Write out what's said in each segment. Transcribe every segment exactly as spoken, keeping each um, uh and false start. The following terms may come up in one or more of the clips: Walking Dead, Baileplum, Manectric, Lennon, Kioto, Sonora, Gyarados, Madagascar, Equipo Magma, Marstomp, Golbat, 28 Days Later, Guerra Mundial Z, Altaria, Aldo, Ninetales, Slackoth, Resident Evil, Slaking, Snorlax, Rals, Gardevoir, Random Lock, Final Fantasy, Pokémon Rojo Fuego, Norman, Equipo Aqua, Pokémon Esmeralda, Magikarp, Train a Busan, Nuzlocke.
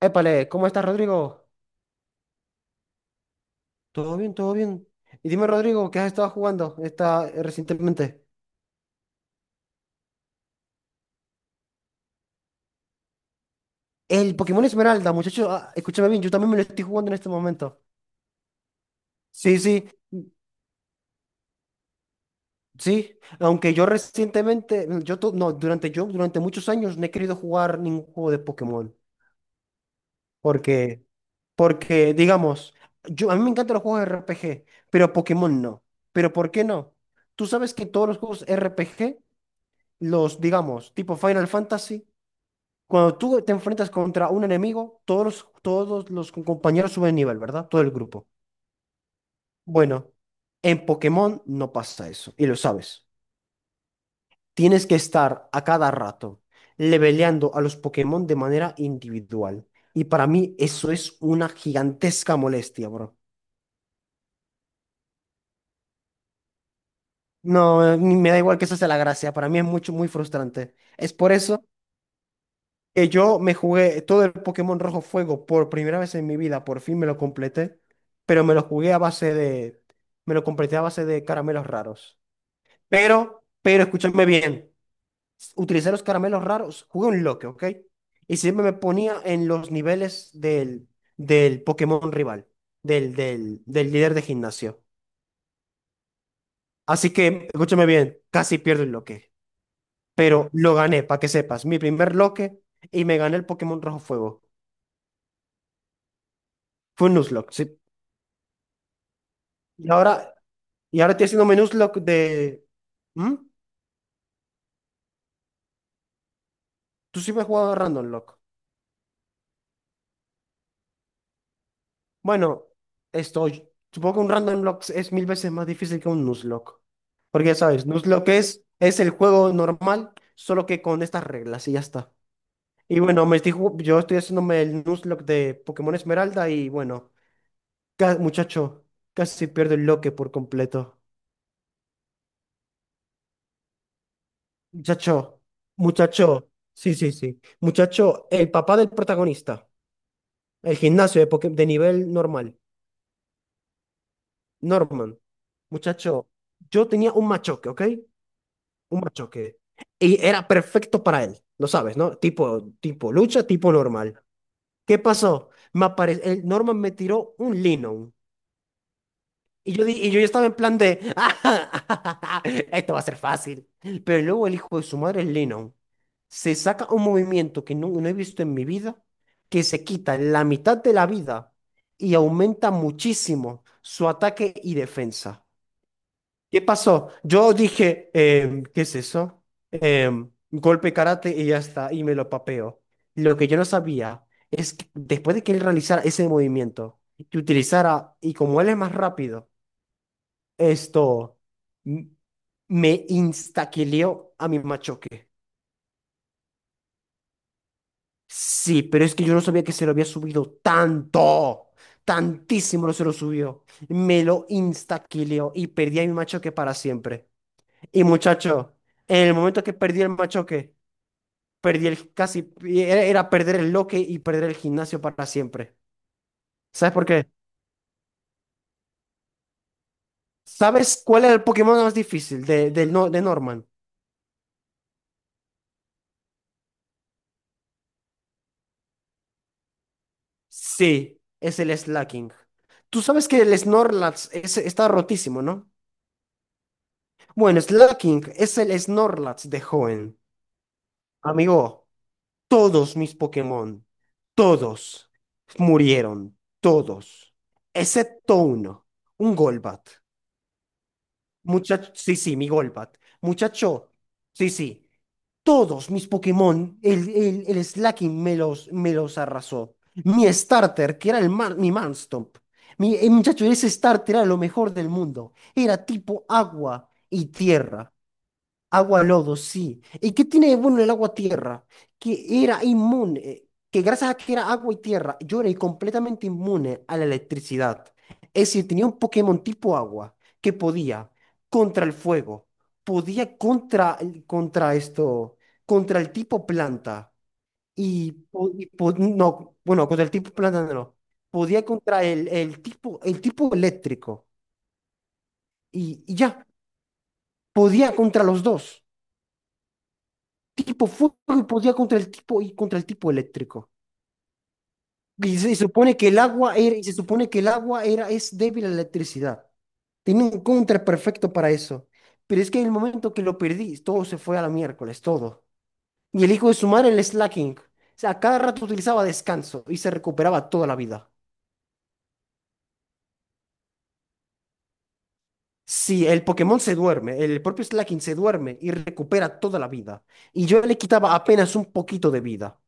Épale, ¿cómo estás, Rodrigo? Todo bien, todo bien. Y dime, Rodrigo, ¿qué has estado jugando esta, eh, recientemente? El Pokémon Esmeralda, muchachos, escúchame bien, yo también me lo estoy jugando en este momento. Sí, sí, sí. Aunque yo recientemente, mm, yo to- no, durante yo, durante muchos años no he querido jugar ningún juego de Pokémon. Porque, porque, digamos, yo, a mí me encantan los juegos R P G, pero Pokémon no. ¿Pero por qué no? Tú sabes que todos los juegos R P G, los, digamos, tipo Final Fantasy, cuando tú te enfrentas contra un enemigo, todos los, todos los compañeros suben de nivel, ¿verdad? Todo el grupo. Bueno, en Pokémon no pasa eso, y lo sabes. Tienes que estar a cada rato leveleando a los Pokémon de manera individual. Y para mí eso es una gigantesca molestia, bro. No, eh, ni me da igual que esa sea la gracia, para mí es mucho, muy frustrante. Es por eso que yo me jugué todo el Pokémon Rojo Fuego por primera vez en mi vida, por fin me lo completé, pero me lo jugué a base de, me lo completé a base de caramelos raros. Pero, pero escúchame bien, s- utilicé los caramelos raros, jugué un loque, ¿ok? Y siempre me ponía en los niveles del, del Pokémon rival, del, del, del líder de gimnasio. Así que, escúchame bien, casi pierdo el loque, pero lo gané, para que sepas, mi primer loque y me gané el Pokémon Rojo Fuego. Fue un Nuzlocke, sí. Y ahora, y ahora estoy haciendo menús lock de. ¿Mm? Tú sí me has jugado a Random Lock. Bueno, estoy. Supongo que un Random Lock es mil veces más difícil que un Nuzlocke. Porque ya sabes, Nuzlocke es, es el juego normal, solo que con estas reglas y ya está. Y bueno, me estoy ju- yo estoy haciéndome el Nuzlocke de Pokémon Esmeralda y bueno, ca- muchacho, casi pierdo el loque por completo. Muchacho, muchacho, sí, sí, sí. Muchacho, el papá del protagonista. El gimnasio de, Poké- de nivel normal. Norman. Muchacho, yo tenía un machoque, ¿ok? Un machoque. Y era perfecto para él. Lo sabes, ¿no? Tipo, tipo lucha, tipo normal. ¿Qué pasó? Me apare- el Norman me tiró un Lino. Y yo, di- y yo ya estaba en plan de, esto va a ser fácil. Pero luego el hijo de su madre, Lennon, se saca un movimiento que no, no he visto en mi vida, que se quita la mitad de la vida y aumenta muchísimo su ataque y defensa. ¿Qué pasó? Yo dije, em, ¿qué es eso? Em, golpe karate y ya está, y me lo papeo. Lo que yo no sabía es que después de que él realizara ese movimiento, que utilizara, y como él es más rápido, esto m- me instaquileó a mi machoque. Sí, pero es que yo no sabía que se lo había subido tanto. Tantísimo lo se lo subió. Me lo instaquileó y perdí a mi machoque para siempre. Y muchacho, en el momento que perdí el machoque, perdí el casi, era era perder el loque y perder el gimnasio para siempre. ¿Sabes por qué? ¿Sabes cuál era el Pokémon más difícil de, del no- de Norman? Sí, es el slacking. Tú sabes que el Snorlax es- está rotísimo, ¿no? Bueno, Slacking es el Snorlax de joven. Amigo, todos mis Pokémon, todos murieron, todos, excepto uno, un Golbat. Muchacho, sí, sí, mi Golbat. Muchacho, sí, sí, todos mis Pokémon, el, el, el Slaking me los, me los arrasó. Mi starter, que era el Mar- mi Marstomp. Mi, eh, muchacho, ese starter era lo mejor del mundo. Era tipo agua y tierra. Agua lodo, sí. ¿Y qué tiene de bueno el agua tierra? Que era inmune, que gracias a que era agua y tierra, yo era completamente inmune a la electricidad. Es decir, tenía un Pokémon tipo agua que podía contra el fuego, podía contra, el- contra esto, contra el tipo planta y, po- y po- no, bueno, contra el tipo planta no, podía contra el, el tipo, el tipo eléctrico y, y ya, podía contra los dos. Tipo fuego y podía contra el tipo y contra el tipo eléctrico. Y se, y supone que el agua era, y se supone que el agua era, es débil a la electricidad. Tenía un contra perfecto para eso. Pero es que en el momento que lo perdí, todo se fue a la miércoles, todo. Y el hijo de su madre, el slacking. O sea, a cada rato utilizaba descanso y se recuperaba toda la vida. Sí, el Pokémon se duerme, el propio slaking se duerme y recupera toda la vida. Y yo le quitaba apenas un poquito de vida.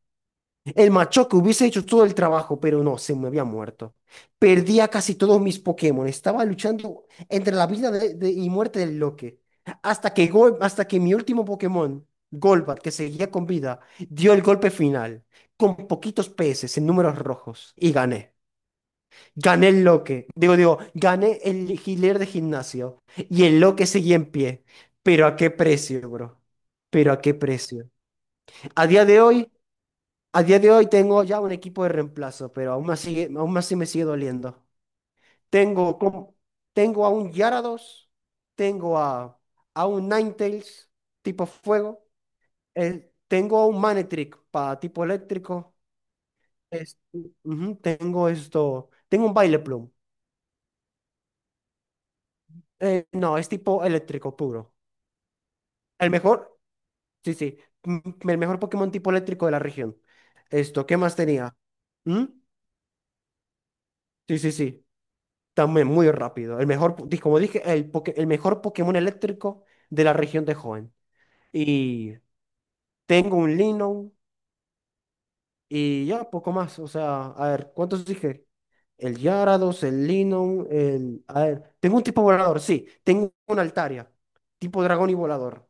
El machoca hubiese hecho todo el trabajo, pero no, se me había muerto. Perdía casi todos mis Pokémon. Estaba luchando entre la vida de- de- y muerte del Loque. Hasta que, Gol- hasta que mi último Pokémon, Golbat, que seguía con vida, dio el golpe final. Con poquitos P. S. en números rojos. Y gané. Gané el Loque. Digo, digo, gané el Healer de gimnasio. Y el Loque seguía en pie. Pero a qué precio, bro. Pero a qué precio. A día de hoy. A día de hoy tengo ya un equipo de reemplazo, pero aún más sigue, aún así me sigue doliendo. Tengo, com- tengo a un Gyarados, tengo a, a un Ninetales tipo fuego, eh, tengo a un Manectric para tipo eléctrico, es- ujú, tengo esto, tengo un Baileplum. Eh, no, es tipo eléctrico puro. El mejor, sí, sí, m- el mejor Pokémon tipo eléctrico de la región. Esto, ¿qué más tenía? ¿Mm? Sí, sí, sí. También muy rápido. El mejor, po- como dije, el, poke- el mejor Pokémon eléctrico de la región de Hoenn. Y tengo un Linon y ya, poco más. O sea, a ver, ¿cuántos dije? El Gyarados, el Linon, el... A ver, tengo un tipo volador, sí. Tengo un Altaria, tipo dragón y volador.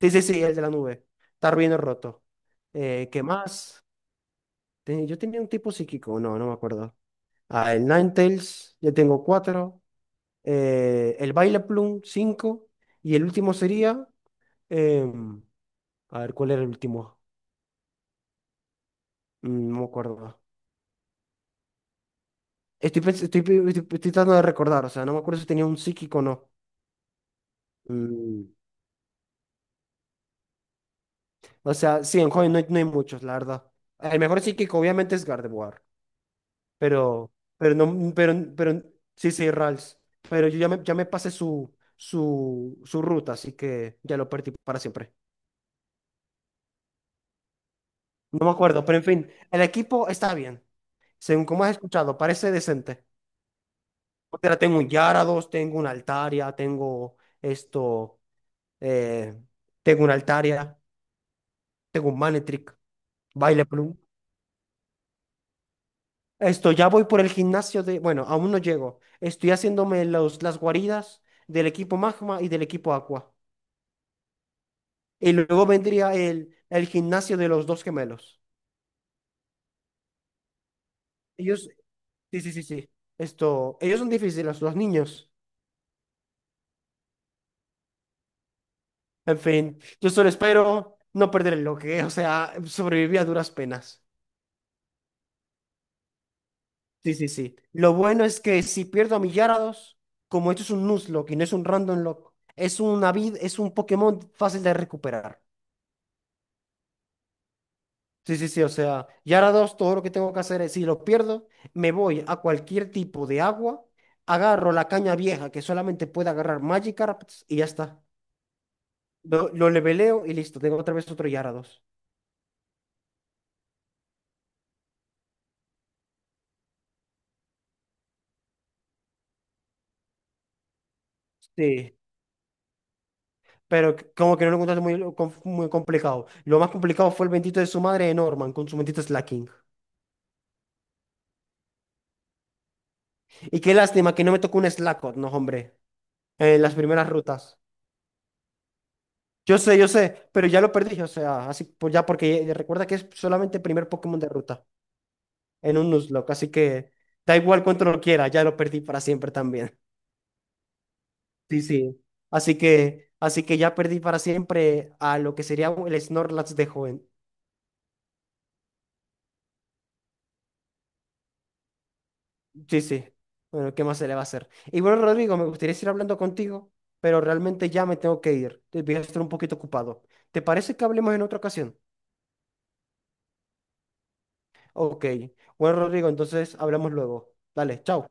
Sí, sí, sí, el de la nube. Está bien roto. Eh, ¿qué más? Te- Yo tenía un tipo psíquico, no, no me acuerdo. Ah, el Ninetales, ya tengo cuatro. eh, el Baile Plum cinco y el último sería, em, a ver, ¿cuál era el último? Mm, no me acuerdo. Estoy, pens- estoy, pi- estoy- estoy tratando de recordar, o sea, no me acuerdo si tenía un psíquico o no. Mm, o sea, sí, en joven no hay, no hay muchos, la verdad. El mejor psíquico obviamente es Gardevoir, pero, pero no, mm, pero, pero sí, sí, Rals. Pero yo ya me, ya me pasé su, su, su ruta, así que ya lo perdí para siempre. No me acuerdo, pero en fin, el equipo está bien. Según como has escuchado, parece decente. Porque tengo un Yarados, tengo una Altaria, tengo esto, eh, tengo una Altaria, tengo un Manetric, Baile Plum. Esto, ya voy por el gimnasio de, bueno, aún no llego. Estoy haciéndome los, las guaridas del equipo Magma y del equipo Aqua. Y luego vendría el, el gimnasio de los dos gemelos. Ellos, sí, sí, sí, sí. Esto, ellos son difíciles, los niños. En fin, yo solo espero no perder el bloque, o sea, sobreviví a duras penas. Sí, sí, sí. Lo bueno es que si pierdo a mi Gyarados, como esto es un Nuzlocke y no es un Random Lock, es una vid, es un Pokémon fácil de recuperar. Sí, sí, sí. O sea, Gyarados, todo lo que tengo que hacer es, si lo pierdo, me voy a cualquier tipo de agua, agarro la caña vieja que solamente puede agarrar Magikarp y ya está. Lo, lo leveleo y listo. Tengo otra vez otro Gyarados. Sí. Pero c- como que no lo encontraste muy, com- muy complicado. Lo más complicado fue el bendito de su madre, de Norman, con su bendito Slaking. Y qué lástima que no me tocó un Slackoth, no, hombre, en las primeras rutas. Yo sé, yo sé, pero ya lo perdí, o sea, así pues ya porque eh, recuerda que es solamente el primer Pokémon de ruta en un Nuzlocke, así que da igual cuánto lo quiera, ya lo perdí para siempre también. Sí, sí. Así que, así que ya perdí para siempre a lo que sería el Snorlax de joven. Sí, sí. Bueno, ¿qué más se le va a hacer? Y bueno, Rodrigo, me gustaría seguir hablando contigo, pero realmente ya me tengo que ir. Voy a estar un poquito ocupado. ¿Te parece que hablemos en otra ocasión? Ok. Bueno, Rodrigo, entonces hablamos luego. Dale, chao.